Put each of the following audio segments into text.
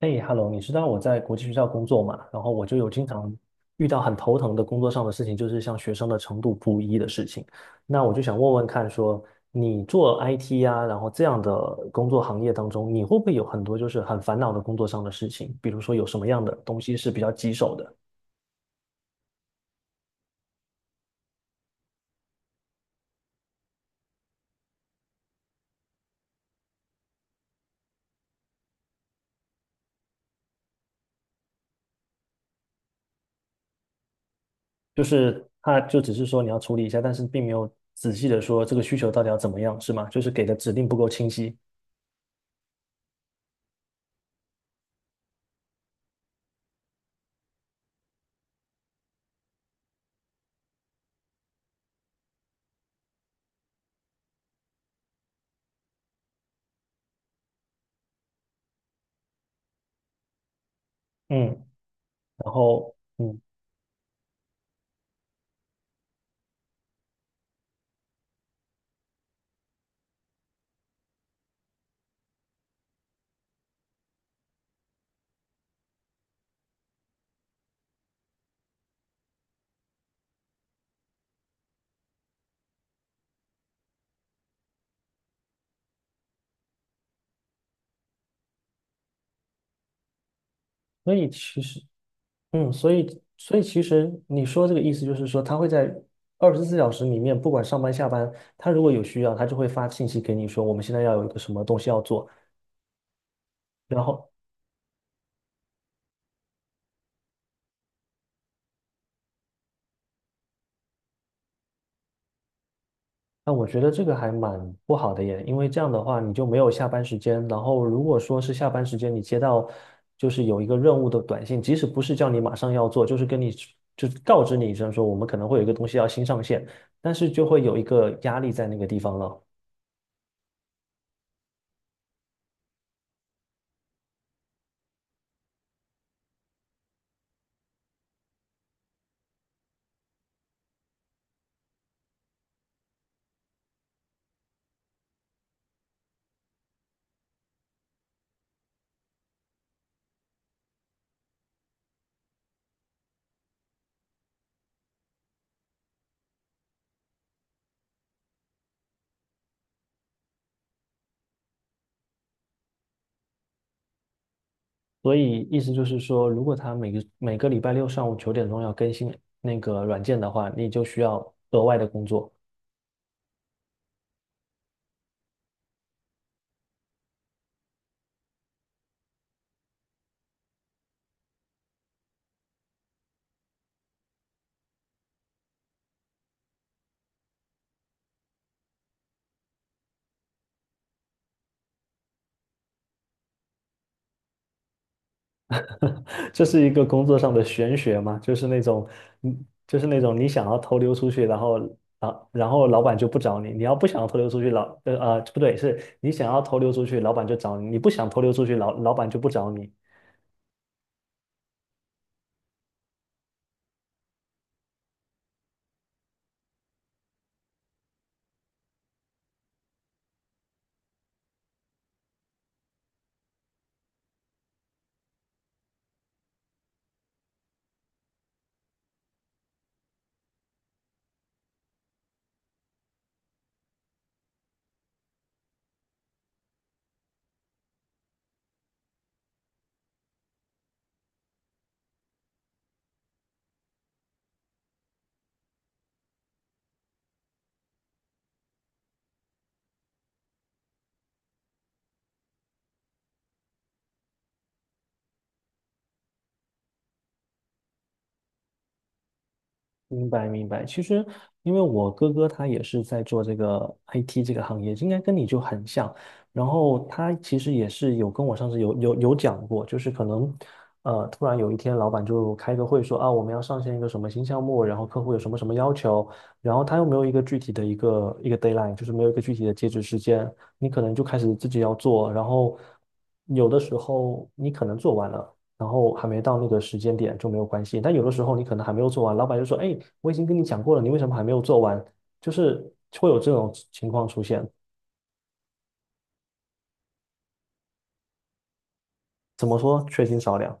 哎，Hello，你知道我在国际学校工作嘛？然后我就有经常遇到很头疼的工作上的事情，就是像学生的程度不一的事情。那我就想问问看说，你做 IT 呀、然后这样的工作行业当中，你会不会有很多就是很烦恼的工作上的事情？比如说有什么样的东西是比较棘手的？就是他就只是说你要处理一下，但是并没有仔细的说这个需求到底要怎么样，是吗？就是给的指令不够清晰。嗯，然后所以其实。嗯，所以其实你说这个意思就是说，他会在二十四小时里面，不管上班下班，他如果有需要，他就会发信息给你说，我们现在要有一个什么东西要做。然后，那我觉得这个还蛮不好的耶，因为这样的话你就没有下班时间。然后，如果说是下班时间你接到就是有一个任务的短信，即使不是叫你马上要做，就是跟你就是告知你一声说我们可能会有一个东西要新上线，但是就会有一个压力在那个地方了。所以意思就是说，如果他每个礼拜六上午9点钟要更新那个软件的话，你就需要额外的工作。这是一个工作上的玄学嘛？就是那种，嗯，就是那种你想要偷溜出去，然后啊，然后老板就不找你。你要不想要偷溜出去，不对，是你想要偷溜出去，老板就找你；你不想偷溜出去，老板就不找你。明白明白，其实因为我哥哥他也是在做这个 IT 这个行业，应该跟你就很像。然后他其实也是有跟我上次有讲过，就是可能突然有一天老板就开个会说啊我们要上线一个什么新项目，然后客户有什么什么要求，然后他又没有一个具体的一个 deadline，就是没有一个具体的截止时间，你可能就开始自己要做，然后有的时候你可能做完了。然后还没到那个时间点就没有关系。但有的时候你可能还没有做完，老板就说：“哎，我已经跟你讲过了，你为什么还没有做完？”就是会有这种情况出现。怎么说？缺斤少两。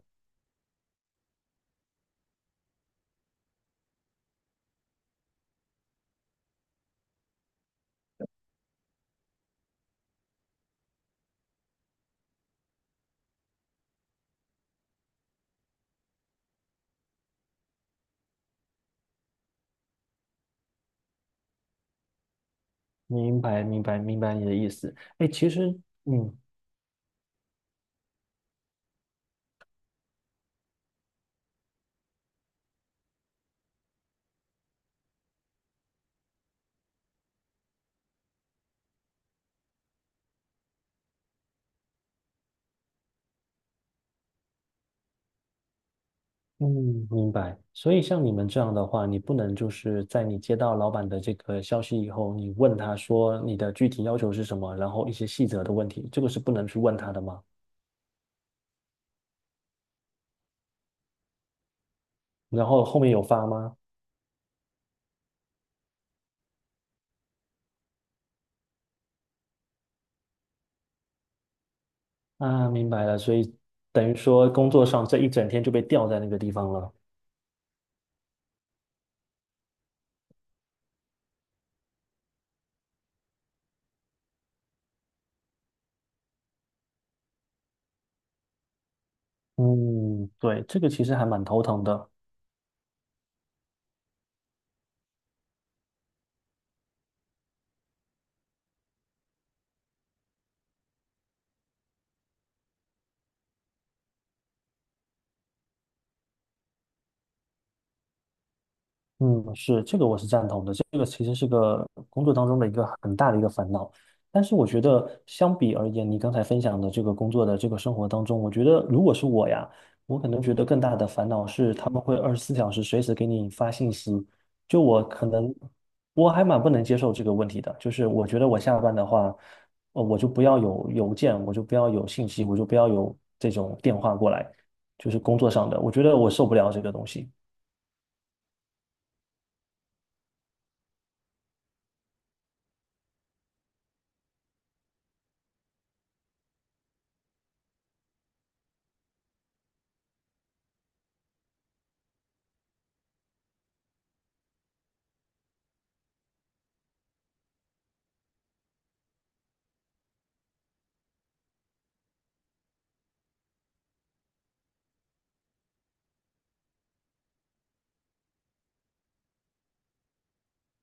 明白，明白，明白你的意思。哎，其实，嗯嗯，明白。所以像你们这样的话，你不能就是在你接到老板的这个消息以后，你问他说你的具体要求是什么，然后一些细则的问题，这个是不能去问他的吗？然后后面有发吗？啊，明白了，所以等于说工作上这一整天就被吊在那个地方了。嗯，对，这个其实还蛮头疼的。嗯，是，这个我是赞同的。这个其实是个工作当中的一个很大的一个烦恼。但是我觉得，相比而言，你刚才分享的这个工作的这个生活当中，我觉得如果是我呀，我可能觉得更大的烦恼是他们会二十四小时随时给你发信息。就我可能，我还蛮不能接受这个问题的。就是我觉得我下班的话，我就不要有邮件，我就不要有信息，我就不要有这种电话过来，就是工作上的，我觉得我受不了这个东西。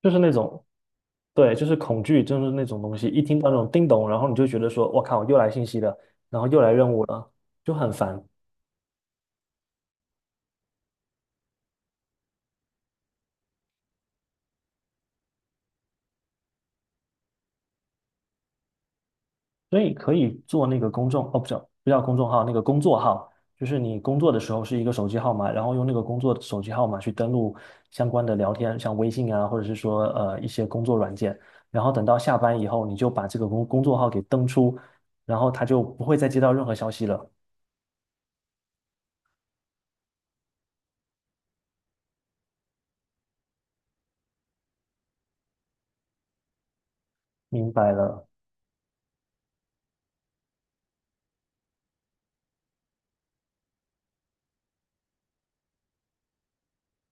就是那种对，就是恐惧，就是那种东西，一听到那种叮咚，然后你就觉得说，我靠，又来信息了，然后又来任务了，就很烦。所以可以做那个公众，哦，不是，不叫公众号，那个工作号，就是你工作的时候是一个手机号码，然后用那个工作手机号码去登录相关的聊天，像微信啊，或者是说一些工作软件，然后等到下班以后，你就把这个工作号给登出，然后他就不会再接到任何消息了。明白了。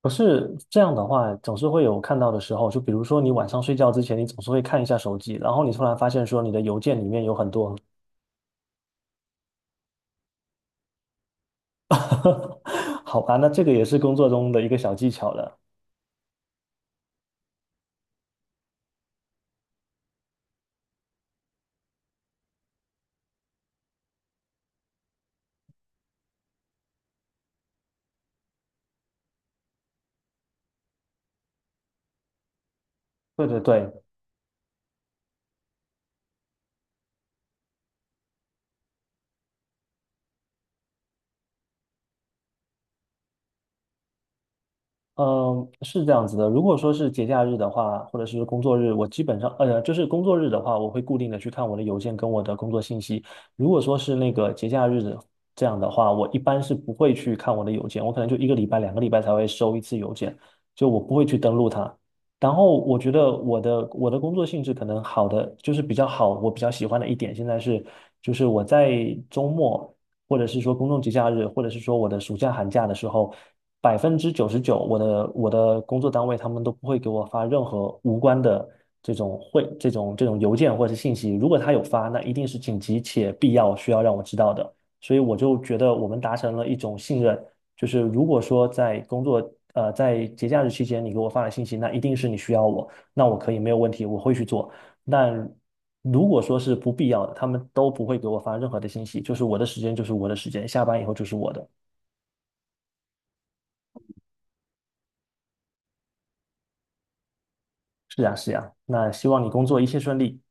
不是这样的话，总是会有看到的时候。就比如说，你晚上睡觉之前，你总是会看一下手机，然后你突然发现说你的邮件里面有很多。好吧，那这个也是工作中的一个小技巧了。对对对，嗯，是这样子的。如果说是节假日的话，或者是工作日，我基本上，就是工作日的话，我会固定的去看我的邮件跟我的工作信息。如果说是那个节假日的这样的话，我一般是不会去看我的邮件，我可能就一个礼拜、两个礼拜才会收一次邮件，就我不会去登录它。然后我觉得我的工作性质可能好的就是比较好，我比较喜欢的一点现在是，就是我在周末。或者是说公众节假日，或者是说我的暑假寒假的时候，99%我的工作单位他们都不会给我发任何无关的这种会这种这种邮件或者是信息。如果他有发，那一定是紧急且必要需要让我知道的。所以我就觉得我们达成了一种信任，就是如果说在工作在节假日期间你给我发了信息，那一定是你需要我，那我可以没有问题，我会去做。但如果说是不必要的，他们都不会给我发任何的信息，就是我的时间就是我的时间，下班以后就是我的。是呀，是呀，那希望你工作一切顺利。